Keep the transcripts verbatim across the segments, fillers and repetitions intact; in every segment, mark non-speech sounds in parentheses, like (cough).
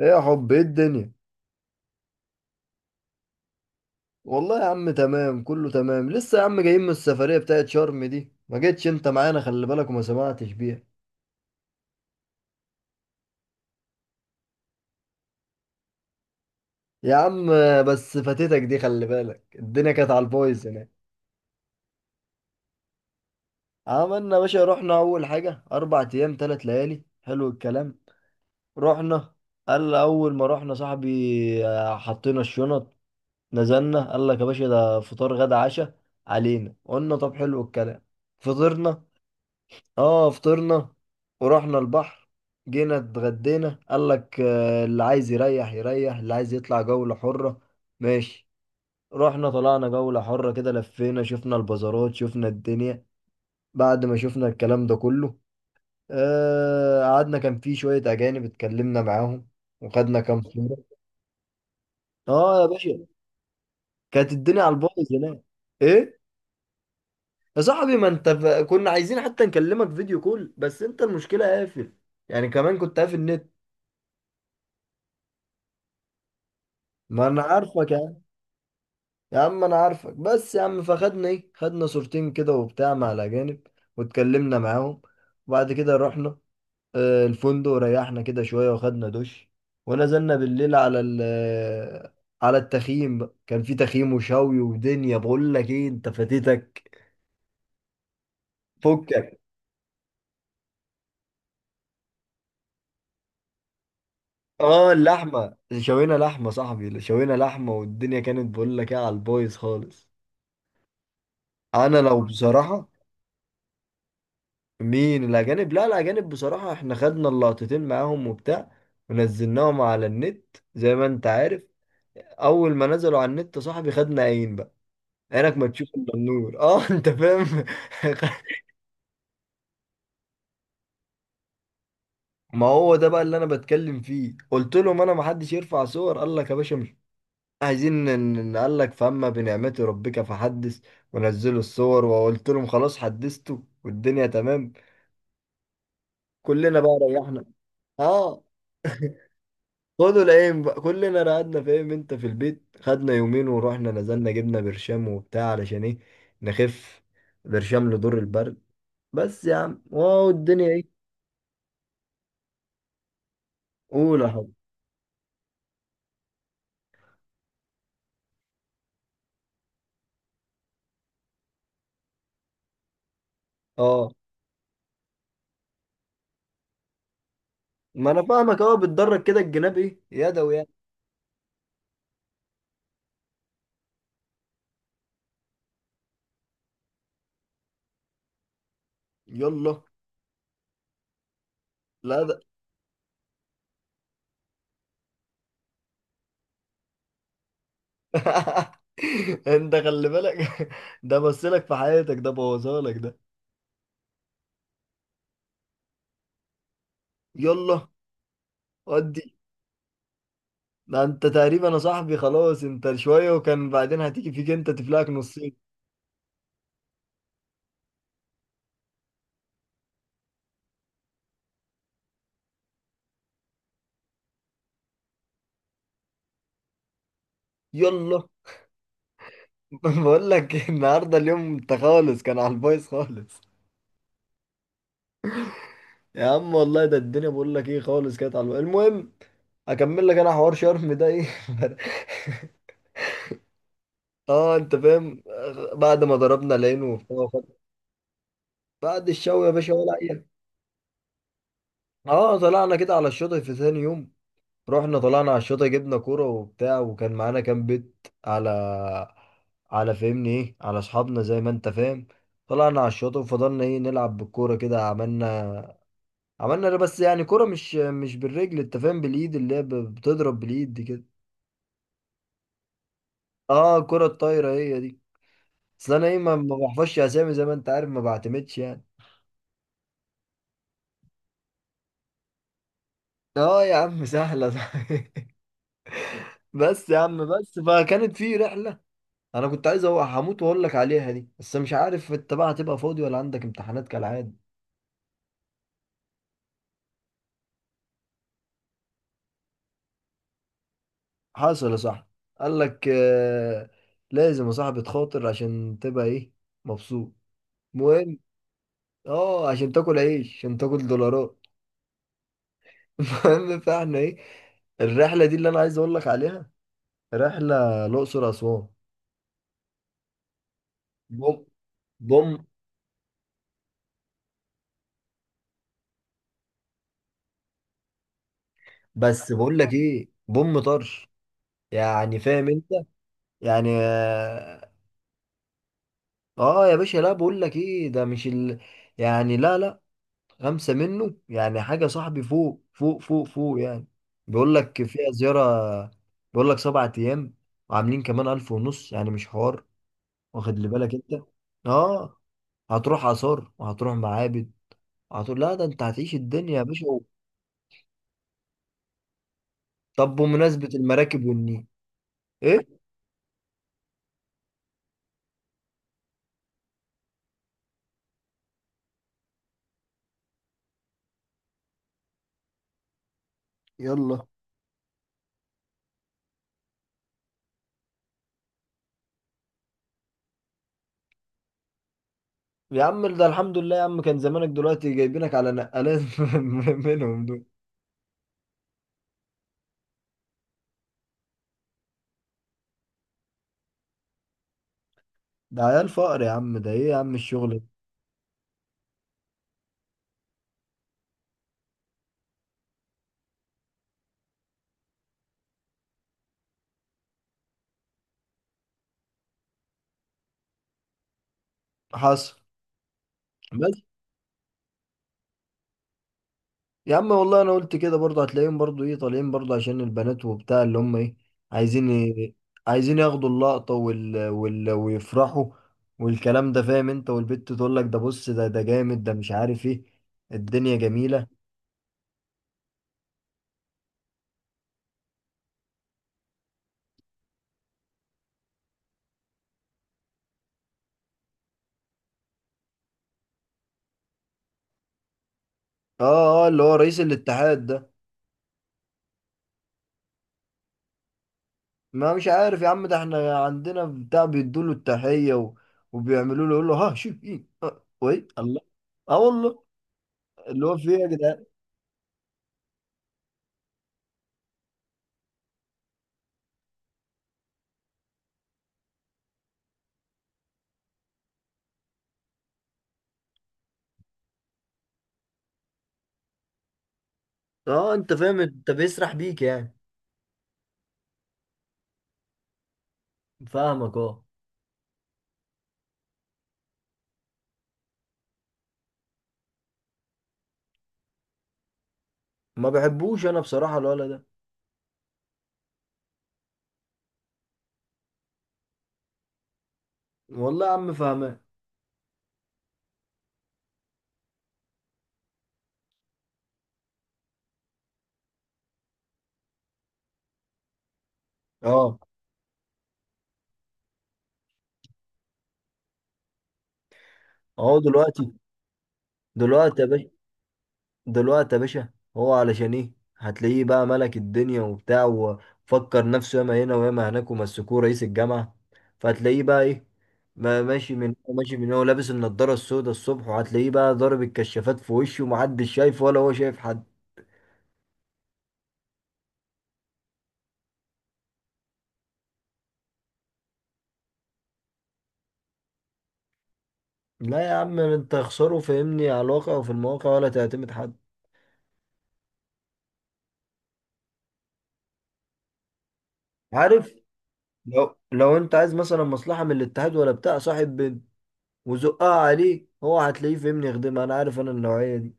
ايه يا حب، ايه الدنيا؟ والله يا عم، تمام، كله تمام. لسه يا عم جايين من السفرية بتاعت شرم دي، ما جيتش انت معانا، خلي بالك، وما سمعتش بيها. يا عم، بس فاتتك دي، خلي بالك، الدنيا كانت على البايظ هناك. عملنا يا باشا، رحنا اول حاجة، اربع ايام تلات ليالي، حلو الكلام. رحنا، قال، اول ما رحنا صاحبي، آه، حطينا الشنط. نزلنا، قال لك يا باشا ده فطار غدا عشاء علينا، قلنا طب حلو الكلام، فطرنا. اه، فطرنا ورحنا البحر. جينا اتغدينا، قال لك، آه، اللي عايز يريح يريح، اللي عايز يطلع جولة حرة، ماشي. رحنا طلعنا جولة حرة، كده لفينا، شفنا البازارات، شفنا الدنيا. بعد ما شفنا الكلام ده كله، آه قعدنا، كان في شوية أجانب اتكلمنا معاهم، وخدنا كام صورة. اه يا باشا، كانت الدنيا على البايظ هناك. ايه؟ يا صاحبي، ما انت ف- كنا عايزين حتى نكلمك فيديو كول، بس انت المشكلة قافل. يعني كمان كنت قافل النت. ما انا عارفك يا عم. يا عم انا عارفك، بس يا عم، فخدنا ايه، خدنا صورتين كده وبتاع مع الاجانب، واتكلمنا معاهم. وبعد كده رحنا آه، الفندق، وريحنا كده شوية، وخدنا دش. ونزلنا بالليل على ال آه، على التخييم بقى. كان في تخييم وشوي ودنيا، بقول لك ايه، انت فاتتك. فكك. اه، اللحمة شوينا لحمة، صاحبي شوينا لحمة، والدنيا كانت بقول لك ايه، على البايظ خالص. انا لو بصراحة. مين الأجانب؟ لا، الأجانب بصراحة احنا خدنا اللقطتين معاهم وبتاع، ونزلناهم على النت زي ما انت عارف. أول ما نزلوا على النت يا صاحبي، خدنا عين بقى، عينك ما تشوف إلا النور، اه. (laughs) انت فاهم؟ (laughs) ما هو ده بقى اللي انا بتكلم فيه، قلت لهم انا، ما حدش يرفع صور، قال لك يا باشا مش عايزين ن- ن- قال لك فاما بنعمة ربك فحدث. ونزلوا الصور، وقلت لهم خلاص حدثتوا، والدنيا تمام. كلنا بقى ريحنا. اه، خدوا العين بقى، كلنا قعدنا، فاهم انت، في البيت خدنا يومين، ورحنا نزلنا جبنا برشام وبتاع علشان ايه نخف، برشام لدور البرد. بس يا عم، واو، الدنيا ايه. قول يا حب. اه، ما انا فاهمك، اهو بتدرج كده، الجناب ايه، يدوي يعني. يلا. لا، ده. (laughs) انت خلي بالك. (laughs) ده بصلك في حياتك، ده بوظهالك ده. يلا، ودي. ده انت تقريبا يا صاحبي، خلاص انت شوية، وكان بعدين هتيجي فيك انت، تفلقك نصين. يلا. (laughs) بقول لك النهارده اليوم انت خالص، كان على البايظ خالص. يا عم والله، ده الدنيا بقول لك ايه خالص، كانت على البايظ. المهم، اكمل لك انا حوار شرم ده ايه. (laughs) اه انت فاهم، آه، بعد ما ضربنا العين وبتاع وخد- بعد الشوي يا باشا، ولا اي حاجة. اه طلعنا كده على الشاطئ في ثاني يوم، رحنا طلعنا على الشاطئ، جبنا كوره وبتاع، وكان معانا كام بيت على على فهمني ايه على اصحابنا زي ما انت فاهم. طلعنا على الشاطئ وفضلنا ايه نلعب بالكوره كده، عملنا عملنا ده، بس يعني كرة مش مش بالرجل، انت فاهم، بالايد، اللي هي ب- بتضرب بالايد دي كده. اه، الكرة الطايرة هي دي. اصل انا ايه، ما ما بحفظش اسامي، زي ما انت عارف، ما بعتمدش يعني. اه يا عم، سهلة. (laughs) بس يا عم، بس فكانت في رحلة. انا كنت عايز أو- هموت واقول لك عليها دي، بس مش عارف انت بقى هتبقى فاضي، ولا عندك امتحانات كالعادة. حصل يا صاحبي، قال لك آه. لازم يا صاحبي تخاطر عشان تبقى ايه، مبسوط، مهم. اه، عشان تاكل عيش، عشان تاكل دولارات. المهم، فاحنا ايه، الرحله دي اللي انا عايز اقول لك عليها، رحله الاقصر اسوان. بوم، بوم، بس بقول لك ايه، بوم طرش. يعني فاهم انت، يعني اه. آه يا باشا، لا بقول لك ايه، ده مش ال... يعني لا لا، خمسه منه، يعني حاجه صاحبي، فوق فوق فوق فوق يعني. بيقول لك فيها زياره، بيقول لك سبعة ايام، وعاملين كمان الف ونص، يعني مش حوار، واخد لي بالك انت. اه، هتروح آثار، وهتروح معابد، هتقول لا، ده انت هتعيش الدنيا يا باشا. طب، بمناسبة المراكب والنيل، ايه؟ يلا يا عم، ده الحمد لله يا عم، كان زمانك دلوقتي جايبينك على نقلات (laughs) منهم دول. ده عيال فقر يا عم، ده ايه يا عم الشغل ده؟ حصل. بس يا عم والله، انا قلت كده برضه هتلاقيهم، برضه ايه طالعين برضه عشان البنات وبتاع، اللي هم ايه، عايزين ي- عايزين ياخدوا اللقطة، وال... وال... ويفرحوا، والكلام ده، فاهم انت، والبت تقول لك ده بص، ده ده جامد، ده مش عارف ايه، الدنيا جميلة. اه، اه، اللي هو رئيس الاتحاد ده. ما مش عارف يا عم، ده احنا عندنا بتاع بيدوا له التحية و... وبيعملوا له، يقول له ها، شوف ايه، اه، وي الله. اه والله. اللي هو في ايه يا جدعان؟ اه انت فاهم، انت بيسرح بيك يعني. فاهمك اه. ما بحبوش انا بصراحة الولد ده. والله يا عم، فاهمان. اه، اهو دلوقتي، دلوقتي يا باشا، دلوقتي يا باشا، هو علشان ايه، هتلاقيه بقى ملك الدنيا وبتاع، وفكر نفسه ياما هنا وياما هناك، ومسكوه رئيس الجامعة. فهتلاقيه بقى ايه، ما- ماشي من ماشي من هو لابس النضارة السوداء الصبح، وهتلاقيه بقى ضارب الكشافات في وشه، ومحدش شايف ولا هو شايف حد. لا يا عم، انت خسره فاهمني على الواقع وفي المواقع، ولا تعتمد حد. عارف. لو لو انت عايز مثلا مصلحة من الاتحاد ولا بتاع، صاحب بنت وزقها عليه، هو هتلاقيه فاهمني يخدمها، انا عارف انا النوعية دي.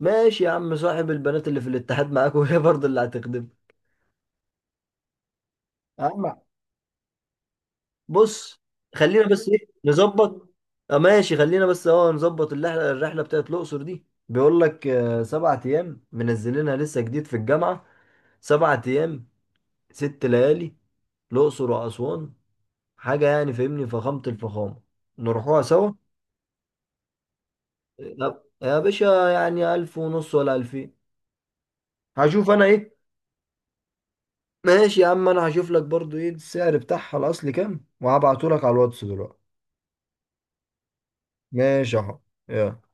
ماشي يا عم، صاحب البنات اللي في الاتحاد معاك، وهي برضه اللي هتخدم. أما، بص، خلينا بس ايه، نظبط. اه ماشي، خلينا بس اه نظبط الرحله الرحله بتاعت الاقصر دي، بيقول لك آه، سبعة ايام، منزلينها لسه جديد في الجامعه. سبعة ايام، ست ليالي، الاقصر واسوان، حاجه يعني فاهمني، فخامه الفخامه، نروحوها سوا. آه، يا باشا يعني، الف ونص ولا الفين، هشوف انا ايه. ماشي يا عم، انا هشوف لك برضو ايه السعر بتاعها الاصلي كام، وهبعته لك على الواتس دلوقتي. ماشي اهو، يلا.